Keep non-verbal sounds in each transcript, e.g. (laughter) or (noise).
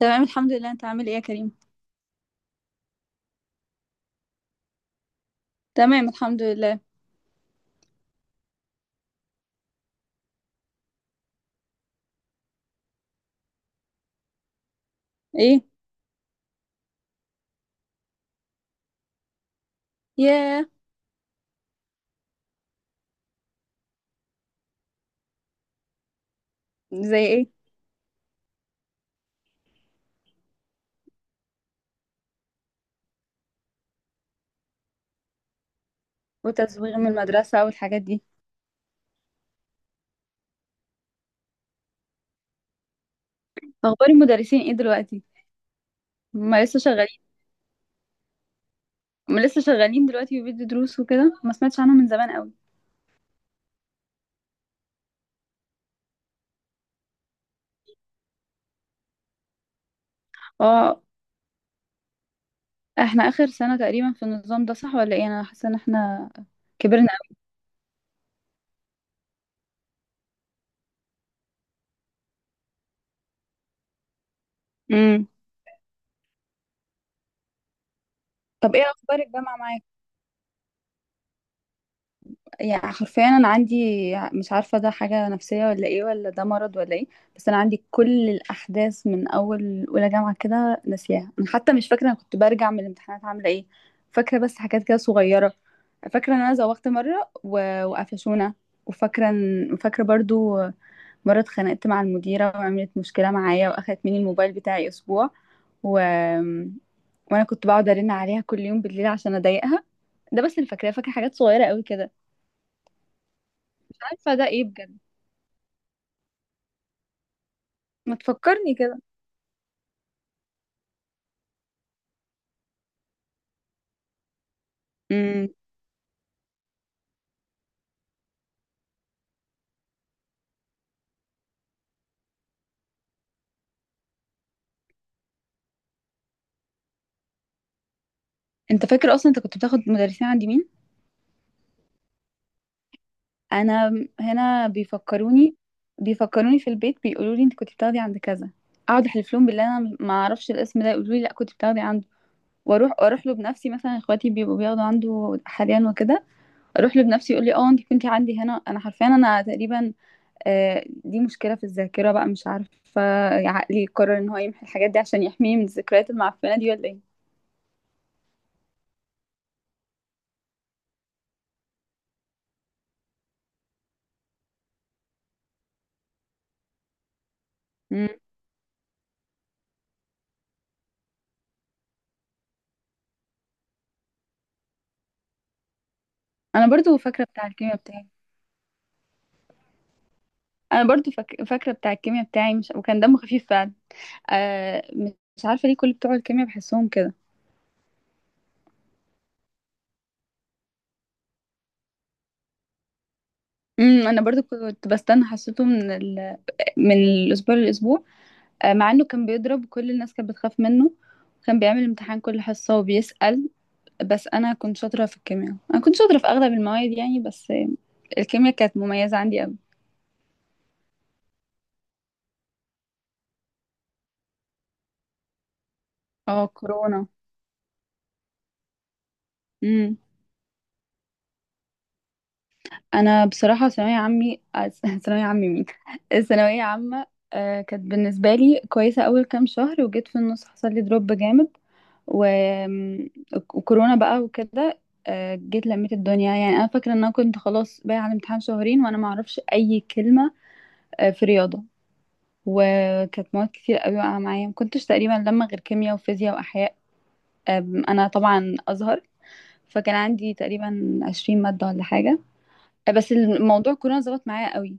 تمام، الحمد لله. انت عامل ايه يا كريم؟ تمام، الحمد لله. ايه. ياه. زي ايه؟ وتزويغ من المدرسة والحاجات دي. اخبار المدرسين ايه دلوقتي؟ ما لسه شغالين؟ ما لسه شغالين دلوقتي وبيدي دروس وكده، ما سمعتش عنهم من زمان قوي. اه، احنا اخر سنة تقريبا في النظام ده، صح ولا ايه؟ انا حاسة ان احنا كبرنا قوي. امم. طب ايه اخبار الجامعة معاك؟ يعني حرفيا انا عندي، مش عارفه ده حاجه نفسيه ولا ايه ولا ده مرض ولا ايه، بس انا عندي كل الاحداث من اول اولى جامعه كده ناسياها. انا حتى مش فاكره انا كنت برجع من الامتحانات عامله ايه. فاكره بس حاجات كده صغيره. فاكره ان انا زوغت مره وقفشونا، وفاكره ان فاكره برضو مره اتخانقت مع المديره وعملت مشكله معايا واخدت مني الموبايل بتاعي اسبوع، و... وانا كنت بقعد ارن عليها كل يوم بالليل عشان اضايقها. ده بس اللي فاكراه، فاكره حاجات صغيره قوي كده. مش عارفه ده ايه بجد. ما تفكرني كده. امم. انت فاكر اصلا انت كنت بتاخد مدرسين عند مين؟ انا هنا بيفكروني في البيت، بيقولوا لي انت كنت بتاخدي عند كذا. اقعد احلف لهم بالله انا ما اعرفش الاسم ده، يقولوا لي لا كنت بتاخدي عنده. واروح له بنفسي، مثلا اخواتي بيبقوا بياخدوا عنده حاليا وكده، اروح له بنفسي يقول لي اه انت كنتي عندي هنا. انا حرفيا انا تقريبا، دي مشكله في الذاكره بقى، مش عارفه. عقلي قرر ان هو يمحي الحاجات دي عشان يحميني من الذكريات المعفنه دي ولا ايه. امم. انا برضو فاكره بتاع الكيمياء بتاعي. انا برضو فاكره بتاع الكيمياء بتاعي مش... وكان دمه خفيف فعلا. آه. مش عارفه ليه كل بتوع الكيمياء بحسهم كده. امم. انا برضو كنت بستنى حصته من الاسبوع للاسبوع. آه، مع انه كان بيضرب وكل الناس كانت بتخاف منه، وكان بيعمل امتحان كل حصه وبيسأل. بس انا كنت شاطره في الكيمياء، انا كنت شاطره في اغلب المواد يعني، بس الكيمياء كانت مميزه عندي قوي. اه، كورونا. انا بصراحه ثانويه عمي، (laughs) ثانويه عمي مين (laughs) الثانويه عامه. كانت بالنسبه لي كويسه اول كام شهر، وجيت في النص حصل لي دروب جامد، و... وكورونا بقى وكده. جيت لميت الدنيا. يعني انا فاكره ان انا كنت خلاص باقي على الامتحان شهرين وانا ما اعرفش اي كلمه، في رياضه. وكانت مواد كتير قوي واقعه معايا، ما كنتش تقريبا لما غير كيمياء وفيزياء واحياء. انا طبعا ازهر، فكان عندي تقريبا 20 ماده ولا حاجه. بس الموضوع كورونا ظبط معايا قوي.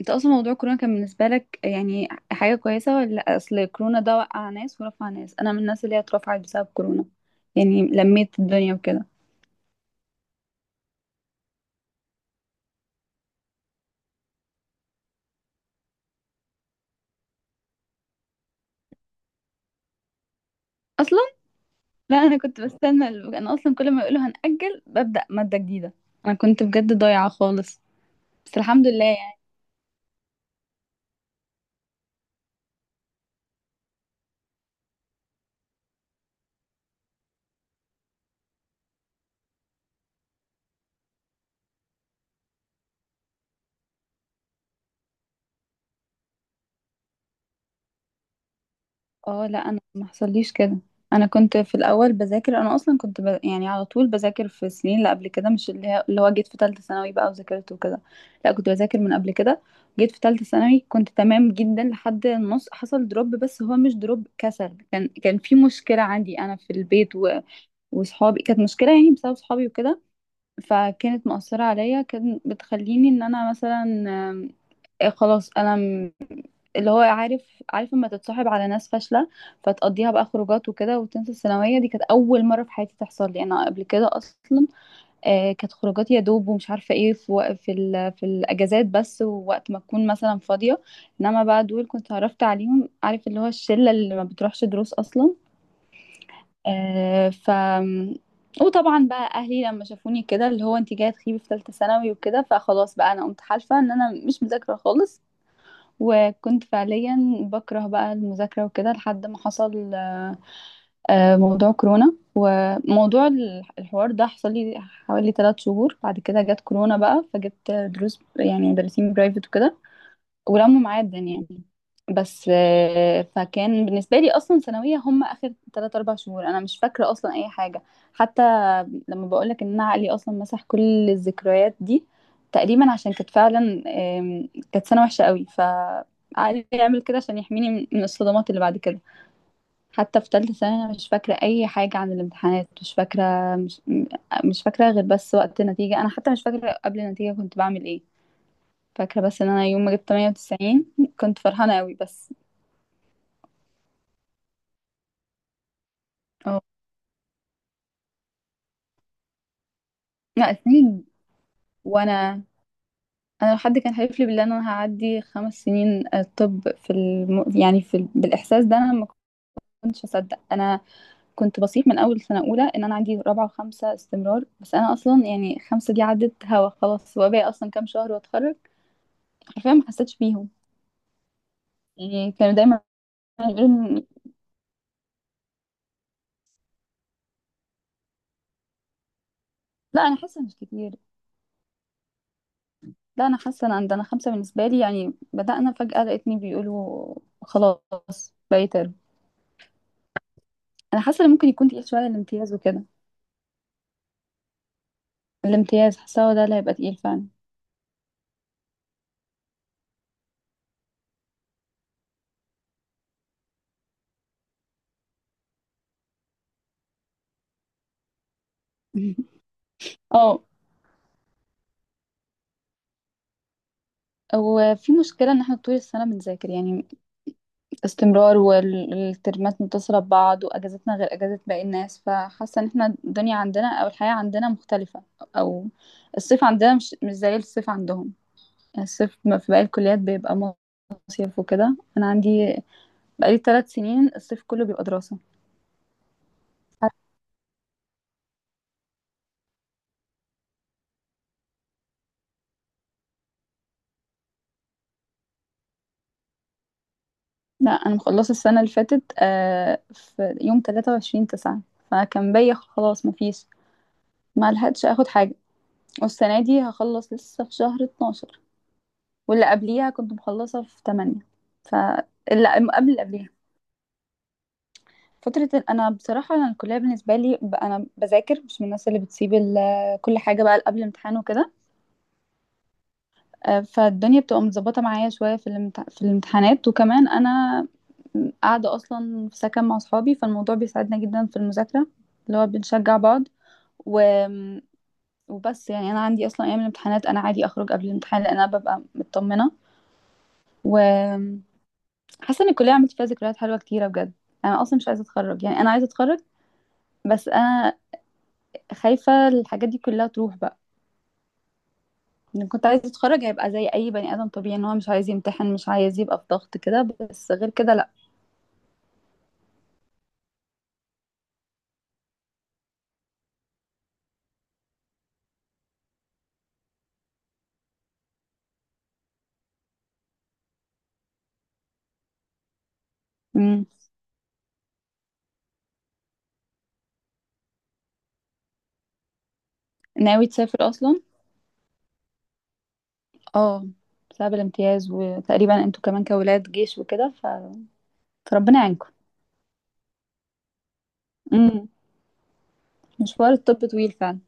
انت اصلا موضوع كورونا كان بالنسبه لك يعني حاجه كويسه؟ ولا اصل كورونا ده وقع ناس ورفع ناس؟ انا من الناس اللي هي اترفعت بسبب كورونا، يعني لميت الدنيا وكده. اصلا. لا، انا كنت بستنى انا اصلا كل ما يقولوا هنأجل ببدأ ماده جديده. انا كنت بجد ضايعه خالص، بس الحمد لله. اه، لا انا ما حصليش كده. انا كنت في الاول بذاكر، انا اصلا كنت يعني على طول بذاكر في السنين اللي قبل كده، مش اللي هو جيت في ثالثه ثانوي بقى وذاكرت وكده. لا كنت بذاكر من قبل كده. جيت في ثالثه ثانوي كنت تمام جدا لحد النص، حصل دروب، بس هو مش دروب كسل، كان في مشكله عندي انا في البيت، وصحابي كانت مشكله يعني، بسبب صحابي وكده، فكانت مؤثره عليا، كانت بتخليني ان انا مثلا، آم، خلاص انا، اللي هو عارف لما تتصاحب على ناس فاشلة، فتقضيها بقى خروجات وكده وتنسى الثانوية. دي كانت أول مرة في حياتي تحصل لي، أنا قبل كده أصلا آه كانت خروجات يا دوب ومش عارفة إيه في وق- في, ال- في الأجازات بس، ووقت ما تكون مثلا فاضية. إنما بقى دول كنت عرفت عليهم، عارف اللي هو الشلة اللي ما بتروحش دروس أصلا. آه ف وطبعا بقى اهلي لما شافوني كده، اللي هو انت جايه تخيبي في ثالثه ثانوي وكده، فخلاص بقى انا قمت حالفه ان انا مش مذاكره خالص، وكنت فعليا بكره بقى المذاكرة وكده لحد ما حصل موضوع كورونا. وموضوع الحوار ده حصل لي حوالي ثلاث شهور، بعد كده جت كورونا بقى فجبت دروس يعني مدرسين برايفت وكده، ولموا معايا الدنيا. بس فكان بالنسبة لي أصلا ثانوية هم آخر تلات أربع شهور أنا مش فاكرة أصلا أي حاجة. حتى لما بقولك إن أنا عقلي أصلا مسح كل الذكريات دي تقريبا، عشان كانت فعلا، كانت سنة وحشة قوي، فعقلي يعمل كده عشان يحميني من الصدمات اللي بعد كده. حتى في تالتة سنة أنا مش فاكرة أي حاجة عن الامتحانات، مش فاكرة، مش فاكرة غير بس وقت النتيجة. أنا حتى مش فاكرة قبل النتيجة كنت بعمل إيه، فاكرة بس إن أنا يوم ما جبت 98 كنت فرحانة قوي بس. لا، سنين، وانا انا لو حد كان حلف لي بالله ان انا هعدي خمس سنين، طب بالاحساس ده انا ما كنتش اصدق. انا كنت بصيح من اول سنه اولى ان انا عندي رابعه وخمسه استمرار، بس انا اصلا يعني خمسه دي عدت هوا خلاص، وباقي اصلا كام شهر واتخرج. حرفيا ما حسيتش بيهم. يعني كانوا دايما يقولوا لا انا حاسه مش كتير. لا انا حاسه ان عندنا خمسه بالنسبه لي يعني، بدأنا فجأة لقيتني بيقولوا خلاص بقيت ترم. انا حاسه ان ممكن يكون تقيل شويه الامتياز وكده. الامتياز حاسه ده اللي هيبقى تقيل فعلا. (laughs) اه. وفي مشكلة ان احنا طول السنة بنذاكر يعني، استمرار والترمات متصلة ببعض، واجازتنا غير اجازة باقي الناس، فحاسة ان احنا الدنيا عندنا او الحياة عندنا مختلفة، او الصيف عندنا مش زي الصيف عندهم. يعني الصيف في باقي الكليات بيبقى مصيف وكده، انا عندي بقالي ثلاث سنين الصيف كله بيبقى دراسة. لا انا مخلصة السنة اللي فاتت في يوم 23 تسعة، فكان بيا خلاص مفيش، ما لحقتش اخد حاجه. والسنه دي هخلص لسه في شهر 12، واللي قبليها كنت مخلصه في 8. ف اللي قبل اللي قبليها انا بصراحه انا الكليه بالنسبه لي انا بذاكر، مش من الناس اللي بتسيب كل حاجه بقى قبل الامتحان وكده. فالدنيا بتبقى متظبطه معايا شويه في في الامتحانات، وكمان انا قاعده اصلا في سكن مع اصحابي، فالموضوع بيساعدنا جدا في المذاكره، اللي هو بنشجع بعض. و وبس يعني انا عندي اصلا ايام الامتحانات انا عادي اخرج قبل الامتحان، لان انا ببقى مطمنه وحاسه ان الكليه عملت فيها ذكريات حلوه كتيره بجد. انا اصلا مش عايزه اتخرج، يعني انا عايزه اتخرج بس انا خايفه الحاجات دي كلها تروح بقى. ان كنت عايزه اتخرج هيبقى زي اي بني ادم طبيعي، ان هو مش عايز يمتحن، مش عايز يبقى في ضغط كده، بس غير كده لا. مم. ناوي تسافر اصلا؟ اه، بسبب الامتياز، وتقريبا انتوا كمان كولاد جيش وكده، فربنا يعينكم. امم. مشوار الطب طويل فعلا.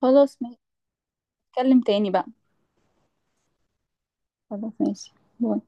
خلاص، نتكلم تاني بقى. خلاص ماشي. باي.